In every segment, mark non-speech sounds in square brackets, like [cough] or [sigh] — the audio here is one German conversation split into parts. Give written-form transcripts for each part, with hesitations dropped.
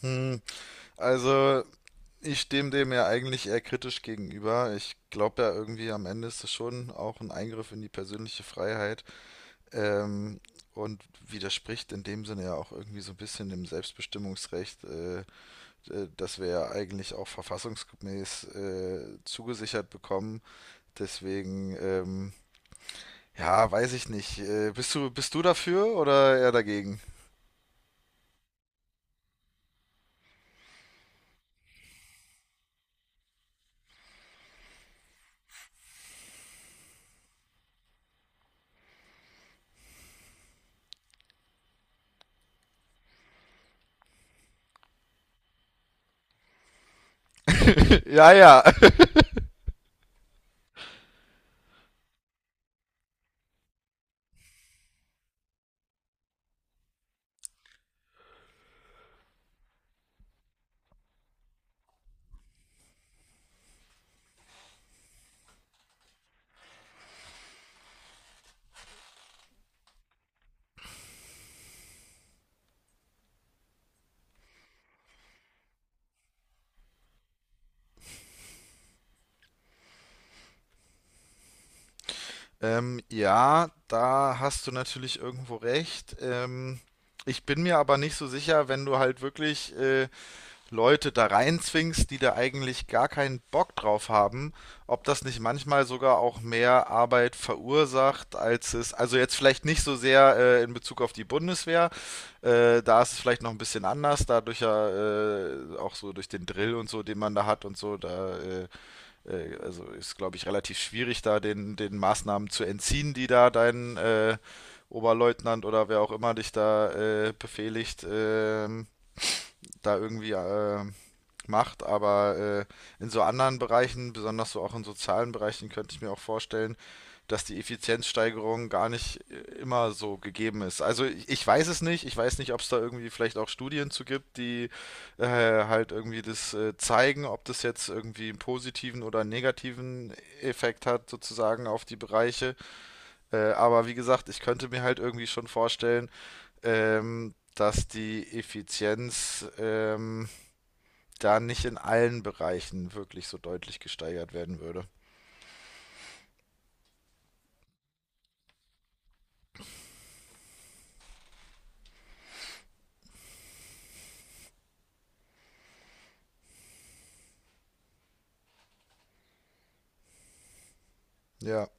Hm, also ich stehe dem ja eigentlich eher kritisch gegenüber. Ich glaube ja irgendwie am Ende ist es schon auch ein Eingriff in die persönliche Freiheit ähm, und widerspricht in dem Sinne ja auch irgendwie so ein bisschen dem Selbstbestimmungsrecht, das wir ja eigentlich auch verfassungsgemäß zugesichert bekommen. Deswegen, ja, weiß ich nicht. Bist du dafür oder eher dagegen? [laughs] Ja, ja. [laughs] Ja, da hast du natürlich irgendwo recht. Ich bin mir aber nicht so sicher, wenn du halt wirklich Leute da reinzwingst, die da eigentlich gar keinen Bock drauf haben, ob das nicht manchmal sogar auch mehr Arbeit verursacht, als es, also jetzt vielleicht nicht so sehr in Bezug auf die Bundeswehr, da ist es vielleicht noch ein bisschen anders, dadurch ja auch so durch den Drill und so, den man da hat und so, da also ist, glaube ich, relativ schwierig, den Maßnahmen zu entziehen, die da dein Oberleutnant oder wer auch immer dich da befehligt. Da irgendwie macht, aber in so anderen Bereichen, besonders so auch in sozialen Bereichen, könnte ich mir auch vorstellen, dass die Effizienzsteigerung gar nicht immer so gegeben ist. Also ich weiß es nicht, ich weiß nicht, ob es da irgendwie vielleicht auch Studien zu gibt, die halt irgendwie das zeigen, ob das jetzt irgendwie einen positiven oder einen negativen Effekt hat sozusagen auf die Bereiche. Aber wie gesagt, ich könnte mir halt irgendwie schon vorstellen, dass die Effizienz da nicht in allen Bereichen wirklich so deutlich gesteigert werden würde. Ja.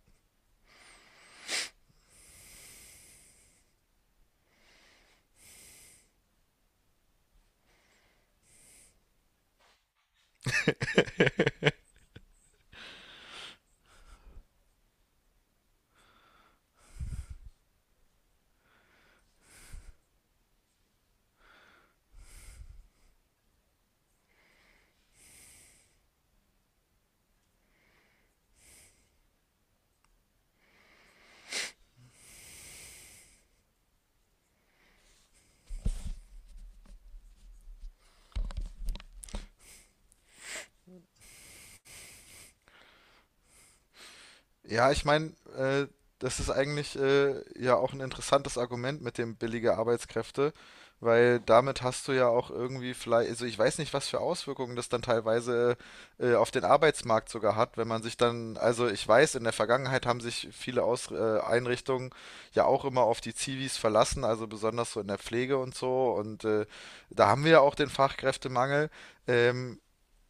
Ja, ich meine, das ist eigentlich ja auch ein interessantes Argument mit dem billige Arbeitskräfte, weil damit hast du ja auch irgendwie vielleicht, also ich weiß nicht, was für Auswirkungen das dann teilweise auf den Arbeitsmarkt sogar hat, wenn man sich dann, also ich weiß, in der Vergangenheit haben sich viele Aus Einrichtungen ja auch immer auf die Zivis verlassen, also besonders so in der Pflege und so, und da haben wir ja auch den Fachkräftemangel. Ähm,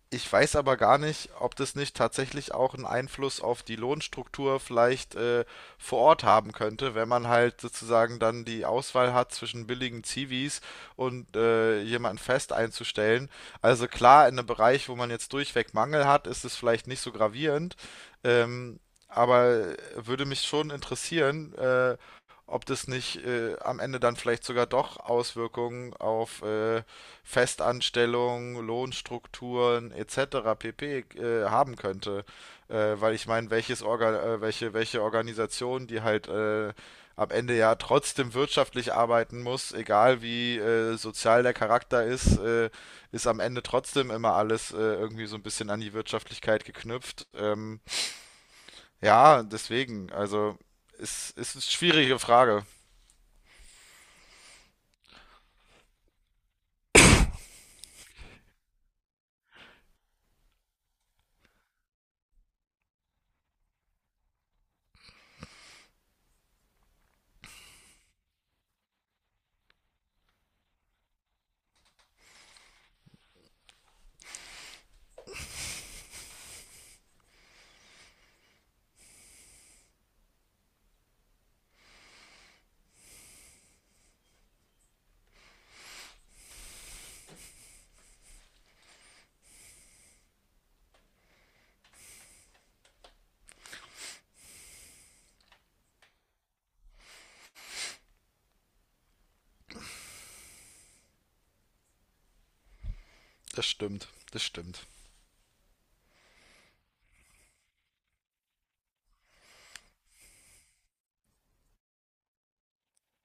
Ich weiß aber gar nicht, ob das nicht tatsächlich auch einen Einfluss auf die Lohnstruktur vielleicht vor Ort haben könnte, wenn man halt sozusagen dann die Auswahl hat zwischen billigen Zivis und jemanden fest einzustellen. Also klar, in einem Bereich, wo man jetzt durchweg Mangel hat, ist es vielleicht nicht so gravierend, ähm, aber würde mich schon interessieren, ob das nicht am Ende dann vielleicht sogar doch Auswirkungen auf Festanstellung, Lohnstrukturen etc. pp. Haben könnte. Weil ich meine, welche Organisation, die halt am Ende ja trotzdem wirtschaftlich arbeiten muss, egal wie sozial der Charakter ist, ist am Ende trotzdem immer alles irgendwie so ein bisschen an die Wirtschaftlichkeit geknüpft. Also es ist eine schwierige Frage. Das stimmt, das stimmt.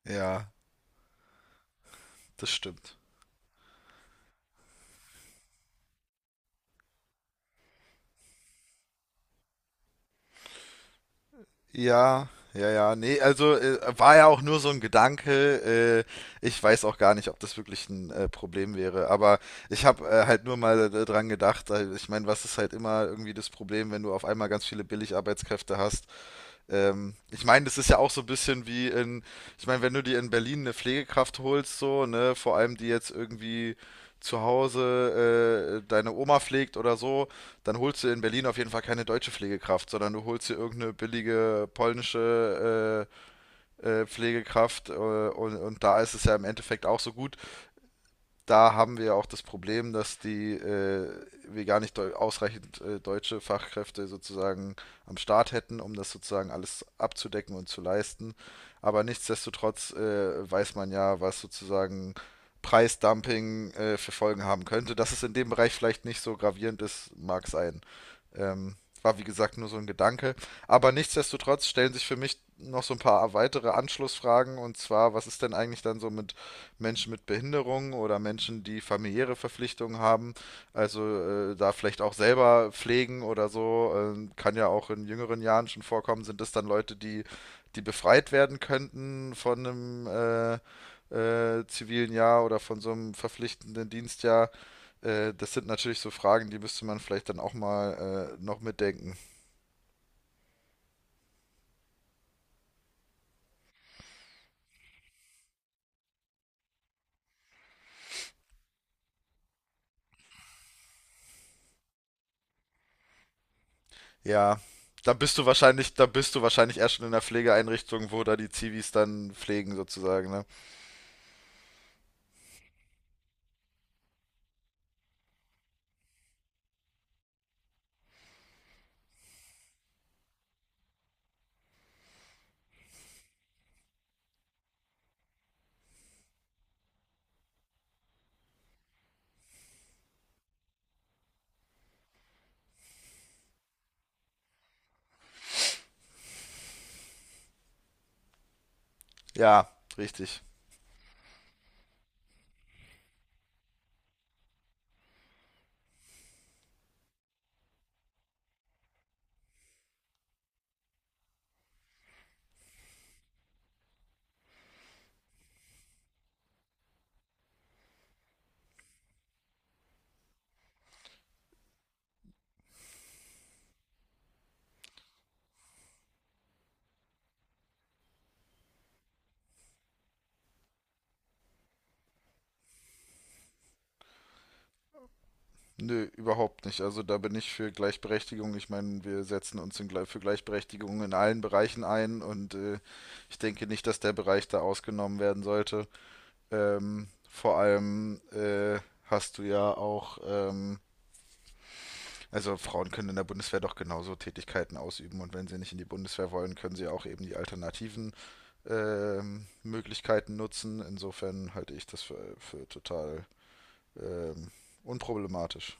Ja, das stimmt. Ja, ja, nee, also war ja auch nur so ein Gedanke. Ich weiß auch gar nicht, ob das wirklich ein Problem wäre, aber ich habe halt nur mal dran gedacht. Ich meine, was ist halt immer irgendwie das Problem, wenn du auf einmal ganz viele Billigarbeitskräfte hast? Ich meine, das ist ja auch so ein bisschen wie, ich meine, wenn du dir in Berlin eine Pflegekraft holst, so, ne, vor allem die jetzt irgendwie zu Hause deine Oma pflegt oder so, dann holst du in Berlin auf jeden Fall keine deutsche Pflegekraft, sondern du holst dir irgendeine billige polnische Pflegekraft und da ist es ja im Endeffekt auch so gut, da haben wir ja auch das Problem, dass die wir gar nicht ausreichend deutsche Fachkräfte sozusagen am Start hätten, um das sozusagen alles abzudecken und zu leisten. Aber nichtsdestotrotz weiß man ja, was sozusagen Preisdumping für Folgen haben könnte. Dass es in dem Bereich vielleicht nicht so gravierend ist, mag sein. Ähm, war wie gesagt nur so ein Gedanke. Aber nichtsdestotrotz stellen sich für mich noch so ein paar weitere Anschlussfragen. Und zwar, was ist denn eigentlich dann so mit Menschen mit Behinderung oder Menschen, die familiäre Verpflichtungen haben, also da vielleicht auch selber pflegen oder so, kann ja auch in jüngeren Jahren schon vorkommen, sind das dann Leute, die befreit werden könnten von einem zivilen Jahr oder von so einem verpflichtenden Dienstjahr. Das sind natürlich so Fragen, die müsste man vielleicht dann auch mal noch mitdenken. Ja. Da bist du wahrscheinlich erst schon in einer Pflegeeinrichtung, wo da die Zivis dann pflegen sozusagen, ne? Ja, richtig. Nö, überhaupt nicht. Also da bin ich für Gleichberechtigung. Ich meine, wir setzen uns für Gleichberechtigung in allen Bereichen ein und ich denke nicht, dass der Bereich da ausgenommen werden sollte. Vor allem hast du ja auch, also Frauen können in der Bundeswehr doch genauso Tätigkeiten ausüben und wenn sie nicht in die Bundeswehr wollen, können sie auch eben die alternativen Möglichkeiten nutzen. Insofern halte ich das für total ähm, unproblematisch.